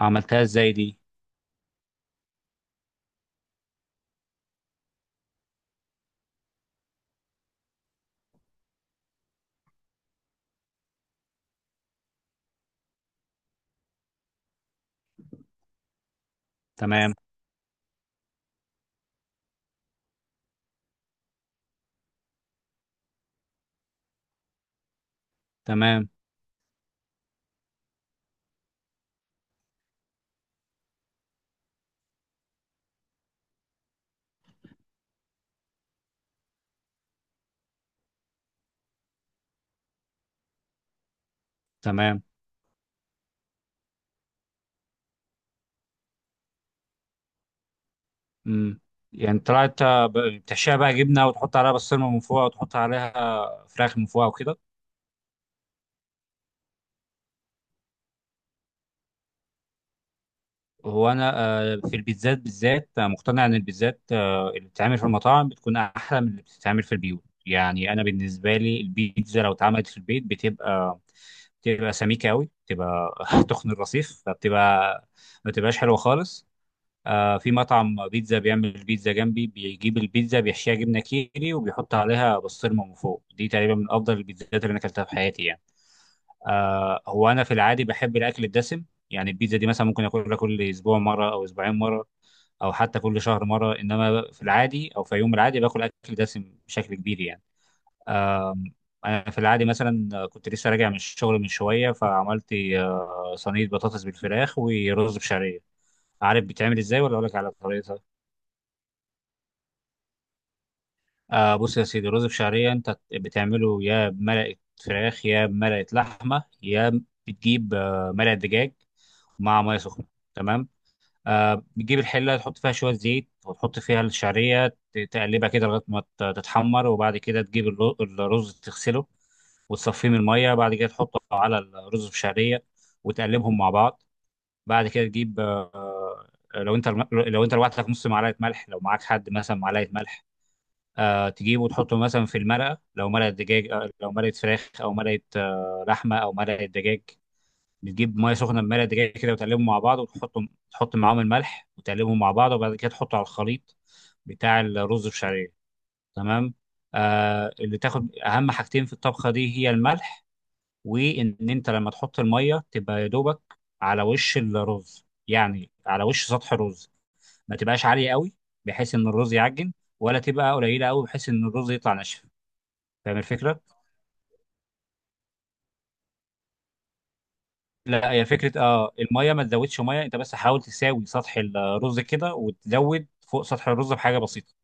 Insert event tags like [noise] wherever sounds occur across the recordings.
عملتها ازاي دي؟ تمام. تمام. تمام. امم. يعني طلعت، بتحشيها بقى جبنه وتحط عليها بسطرمه من فوق وتحط عليها فراخ من فوق وكده. هو انا في البيتزات بالذات، مقتنع ان البيتزات اللي بتتعمل في المطاعم بتكون احلى من اللي بتتعمل في البيوت يعني. انا بالنسبه لي البيتزا لو اتعملت في البيت بتبقى سميكه قوي، بتبقى [laughs] تخن الرصيف، فبتبقى ما بتبقاش حلوه خالص. آه، في مطعم بيتزا بيعمل بيتزا جنبي، بيجيب البيتزا بيحشيها جبنه كيري وبيحط عليها بسطرمه من فوق. دي تقريبا من افضل البيتزات اللي انا اكلتها في حياتي يعني. آه، هو انا في العادي بحب الاكل الدسم. يعني البيتزا دي مثلا ممكن اكلها كل اسبوع مره او اسبوعين مره او حتى كل شهر مره، انما في العادي او في يوم العادي باكل اكل دسم بشكل كبير يعني. آه، انا في العادي مثلا كنت لسه راجع من الشغل من شويه، فعملت صينيه بطاطس بالفراخ ورز بشعريه. عارف بتعمل ازاي ولا اقول لك على طريقتها؟ آه، بص يا سيدي، رز بشعرية انت بتعمله يا بملقة فراخ يا بملقة لحمة. يا بتجيب ملقة دجاج مع مية سخنة. تمام. آه، بتجيب الحلة تحط فيها شوية زيت وتحط فيها الشعرية، تقلبها كده لغاية ما تتحمر. وبعد كده تجيب الرز تغسله وتصفيه من المية. بعد كده تحطه على الرز بشعرية وتقلبهم مع بعض. بعد كده تجيب لو انت لوحدك نص معلقة ملح، لو معاك حد مثلا معلقة ملح. تجيبه وتحطه مثلا في المرقة، لو مرقة دجاج، لو مرقة فراخ أو مرقة، لحمة أو مرقة دجاج. بتجيب مية سخنة بمرقة دجاج كده وتقلبهم مع بعض وتحطهم، تحط معاهم الملح وتقلبهم مع بعض. وبعد كده تحطه على الخليط بتاع الرز بالشعرية. تمام. آه، اللي تاخد أهم حاجتين في الطبخة دي هي الملح. وإن أنت لما تحط المية تبقى يا دوبك على وش الرز، يعني على وش سطح الرز، ما تبقاش عالية قوي بحيث إن الرز يعجن، ولا تبقى قليلة قوي بحيث إن الرز يطلع ناشف. فاهم الفكره؟ لا، هي فكره، اه الميه ما تزودش، ميه انت بس حاول تساوي سطح الرز كده وتزود فوق سطح الرز بحاجه بسيطه.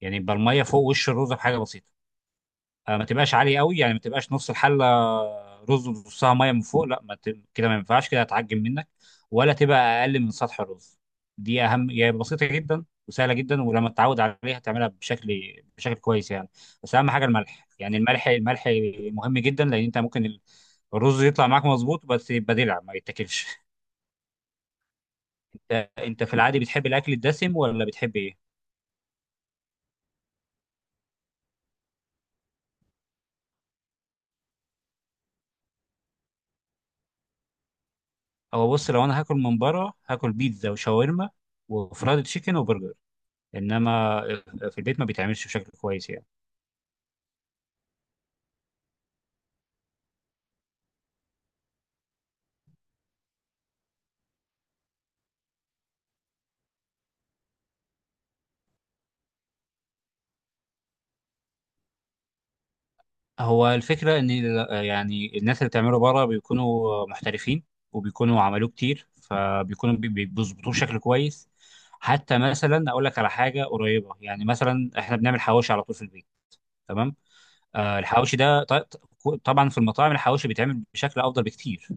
يعني يبقى الميه فوق وش الرز بحاجه بسيطه. ما تبقاش عاليه قوي، يعني ما تبقاش نص الحله رز ونصها ميه من فوق. لا، ما ت... كده ما ينفعش، كده هتعجن منك. ولا تبقى اقل من سطح الرز. دي اهم هي، يعني بسيطه جدا وسهله جدا، ولما تتعود عليها تعملها بشكل كويس يعني. بس اهم حاجه الملح، يعني الملح مهم جدا. لان انت ممكن الرز يطلع معاك مظبوط بس يبقى دلع ما يتاكلش [laughs] انت في العادي بتحب الاكل الدسم ولا بتحب ايه؟ هو بص، لو انا هاكل من بره هاكل بيتزا وشاورما وفرايد تشيكن وبرجر، انما في البيت ما بيتعملش بشكل كويس يعني. هو الفكره ان يعني الناس اللي بتعمله بره بيكونوا محترفين، وبيكونوا عملوه كتير، فبيكونوا بيظبطوه بشكل كويس. حتى مثلا اقول لك على حاجه قريبه، يعني مثلا احنا بنعمل حواوشي على طول في البيت. تمام. آه، الحواوشي ده طبعا في المطاعم الحواوشي بيتعمل بشكل افضل بكتير.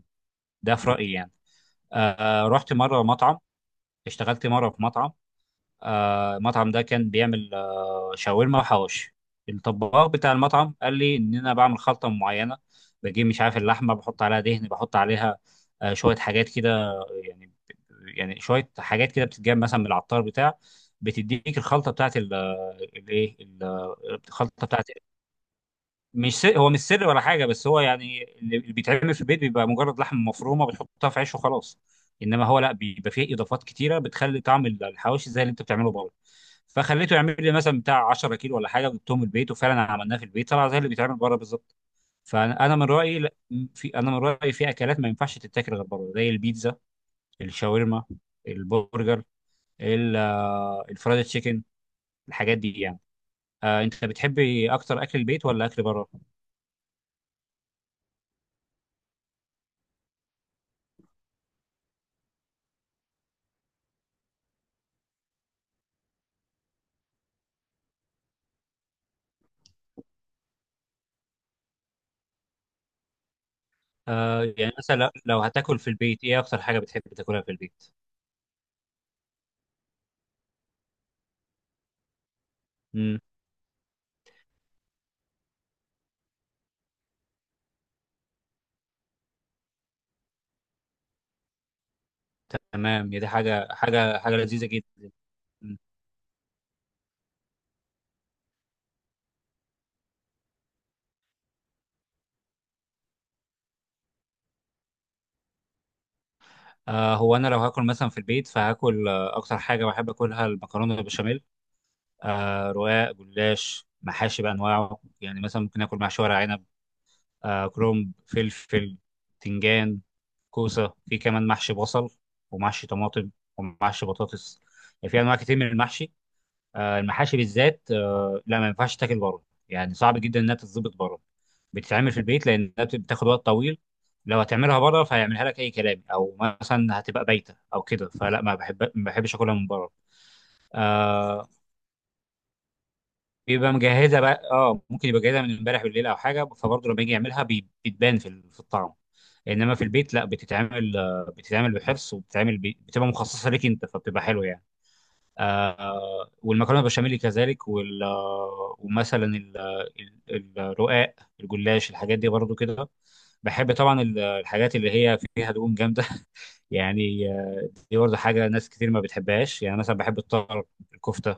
ده في رايي يعني. رحت مره مطعم، اشتغلت مره في مطعم. آه، المطعم ده كان بيعمل شاورما وحواوشي. الطباخ بتاع المطعم قال لي ان انا بعمل خلطه معينه، بجيب مش عارف اللحمه، بحط عليها دهن، بحط عليها شويه حاجات كده يعني. يعني شويه حاجات كده بتتجاب مثلا من العطار بتاع، بتديك الخلطه بتاعت الايه، الخلطه بتاعت. مش سر، هو مش سر ولا حاجه، بس هو يعني اللي بيتعمل في البيت بيبقى مجرد لحمه مفرومه بتحطها في عيش وخلاص. انما هو لا، بيبقى فيه اضافات كتيره بتخلي طعم الحواوشي زي اللي انت بتعمله بره. فخليته يعمل لي مثلا بتاع 10 كيلو ولا حاجه، وجبتهم البيت وفعلا عملناه في البيت طلع زي اللي بيتعمل بره بالظبط. فانا أنا من رايي، انا من رايي في اكلات ما ينفعش تتاكل غير بره، زي البيتزا، الشاورما، البرجر، الفرايد تشيكن، الحاجات دي يعني. آه، انت بتحبي اكتر اكل البيت ولا اكل بره؟ آه، يعني مثلا لو هتاكل في البيت، ايه اكتر حاجه بتحب تاكلها في البيت؟ امم. تمام. هي دي حاجه، حاجه لذيذه جدا. آه، هو انا لو هاكل مثلا في البيت فهاكل اكتر حاجه بحب اكلها المكرونه بالبشاميل. آه، رقاق، جلاش، محاشي بانواعه. يعني مثلا ممكن اكل محشي ورق عنب، آه، كرنب، فلفل، تنجان، كوسه، في كمان محشي بصل ومحشي طماطم ومحشي بطاطس. يعني في انواع كتير من المحشي. المحاشي بالذات لا ما ينفعش تاكل بره. يعني صعب جدا انها تتظبط بره. بتتعمل في البيت لانها بتاخد وقت طويل. لو هتعملها بره فهيعملها لك اي كلام، او مثلا هتبقى بايته او كده. فلا، ما بحب، ما بحبش اكلها من بره. آه، بيبقى مجهزه بقى، اه ممكن يبقى جاهزه من امبارح بالليل او حاجه، فبرضه لما يجي يعملها بتبان في في الطعم. انما في البيت لا، بتتعمل، بتتعمل بحرص وبتتعمل بتبقى مخصصه ليك انت، فبتبقى حلوه يعني. آه، والمكرونه بشاميل كذلك، وال آه، ومثلا ال- الرقاق، الجلاش، الحاجات دي برضو كده. بحب طبعا الحاجات اللي هي فيها دهون جامده [laughs] يعني دي برضو حاجه ناس كتير ما بتحبهاش. يعني مثلا بحب الطرب، الكفته،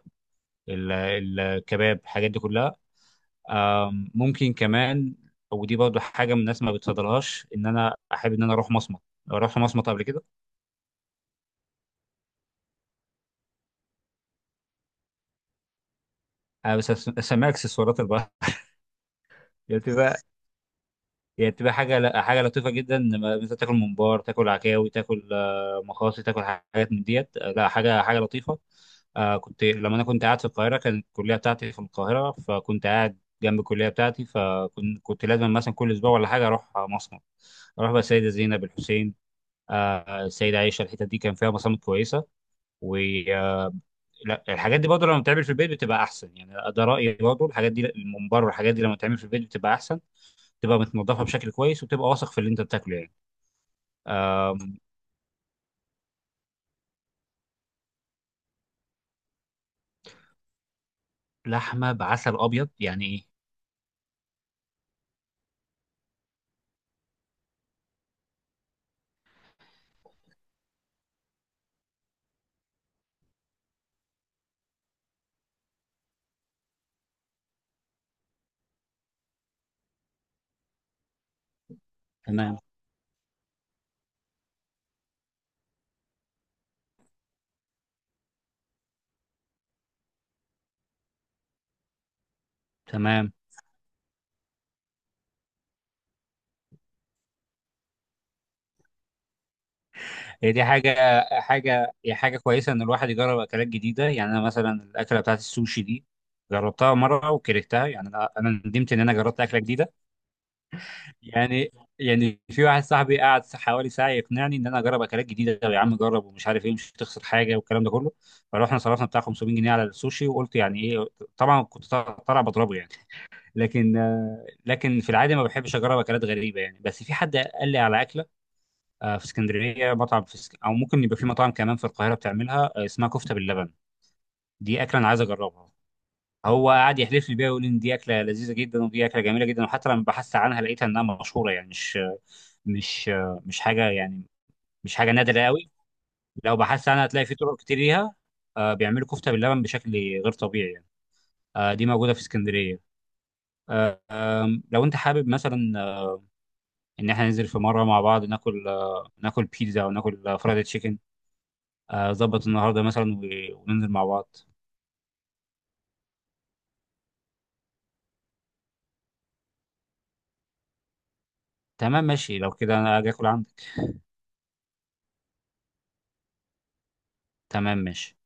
ال- الكباب، الحاجات دي كلها. ممكن كمان، ودي برضو حاجه من الناس ما بتفضلهاش، ان انا احب ان انا اروح مصمت. لو رحت مصمت قبل كده. بس اسميها اكسسوارات البحر. هي بتبقى حاجة، لا حاجة لطيفة جدا، لما مثلا تاكل ممبار، تاكل عكاوي، تاكل مخاصي، تاكل حاجات من ديت، لا حاجة، حاجة لطيفة. آه، كنت لما أنا كنت قاعد في القاهرة، كانت الكلية بتاعتي في القاهرة، فكنت قاعد جنب الكلية بتاعتي، فكنت لازم مثلا كل أسبوع ولا حاجة أروح مصمت. أروح بقى السيدة زينب، الحسين، آه، السيدة عائشة. الحتت دي كان فيها مصامت كويسة. و آه، لا الحاجات دي برضه لما بتتعمل في البيت بتبقى أحسن. يعني ده رأيي، برضه الحاجات دي، الممبار والحاجات دي لما بتتعمل في البيت بتبقى أحسن. تبقى متنضفه بشكل كويس وتبقى واثق في اللي انت بتاكله يعني. آه، لحمه بعسل ابيض يعني ايه؟ تمام. تمام. هي دي حاجه، حاجه، هي حاجه كويسه ان الواحد يجرب اكلات جديده. يعني انا مثلا الاكله بتاعت السوشي دي جربتها مره وكرهتها. يعني أنا ندمت ان انا جربت اكله جديده يعني. يعني في واحد صاحبي قعد حوالي ساعه يقنعني ان انا اجرب اكلات جديده، يا عم جرب ومش عارف ايه، مش هتخسر حاجه، والكلام ده كله. فروحنا صرفنا بتاع 500 جنيه على السوشي، وقلت يعني ايه، طبعا كنت طالع بضربه يعني. لكن، لكن في العادة ما بحبش أجرب أكلات غريبة يعني. بس في حد قال لي على أكلة في اسكندرية، مطعم في اسك... أو ممكن يبقى في مطاعم كمان في القاهرة بتعملها، اسمها كفتة باللبن. دي أكلة أنا عايز أجربها. هو قعد يحلف لي بيها ويقول لي إن دي أكلة لذيذة جدا ودي أكلة جميلة جدا. وحتى لما بحثت عنها لقيتها إنها مشهورة يعني، مش، مش مش حاجة يعني، مش حاجة نادرة قوي. لو بحثت عنها هتلاقي في طرق كتير ليها. بيعملوا كفتة باللبن بشكل غير طبيعي يعني. دي موجودة في اسكندرية. آه، لو انت حابب مثلا ان احنا ننزل في مره مع بعض، ناكل ناكل بيتزا، او ناكل فرايد تشيكن. ظبط النهارده مثلا وننزل مع بعض. تمام، ماشي. لو كده انا اجي اكل عندك. تمام، ماشي.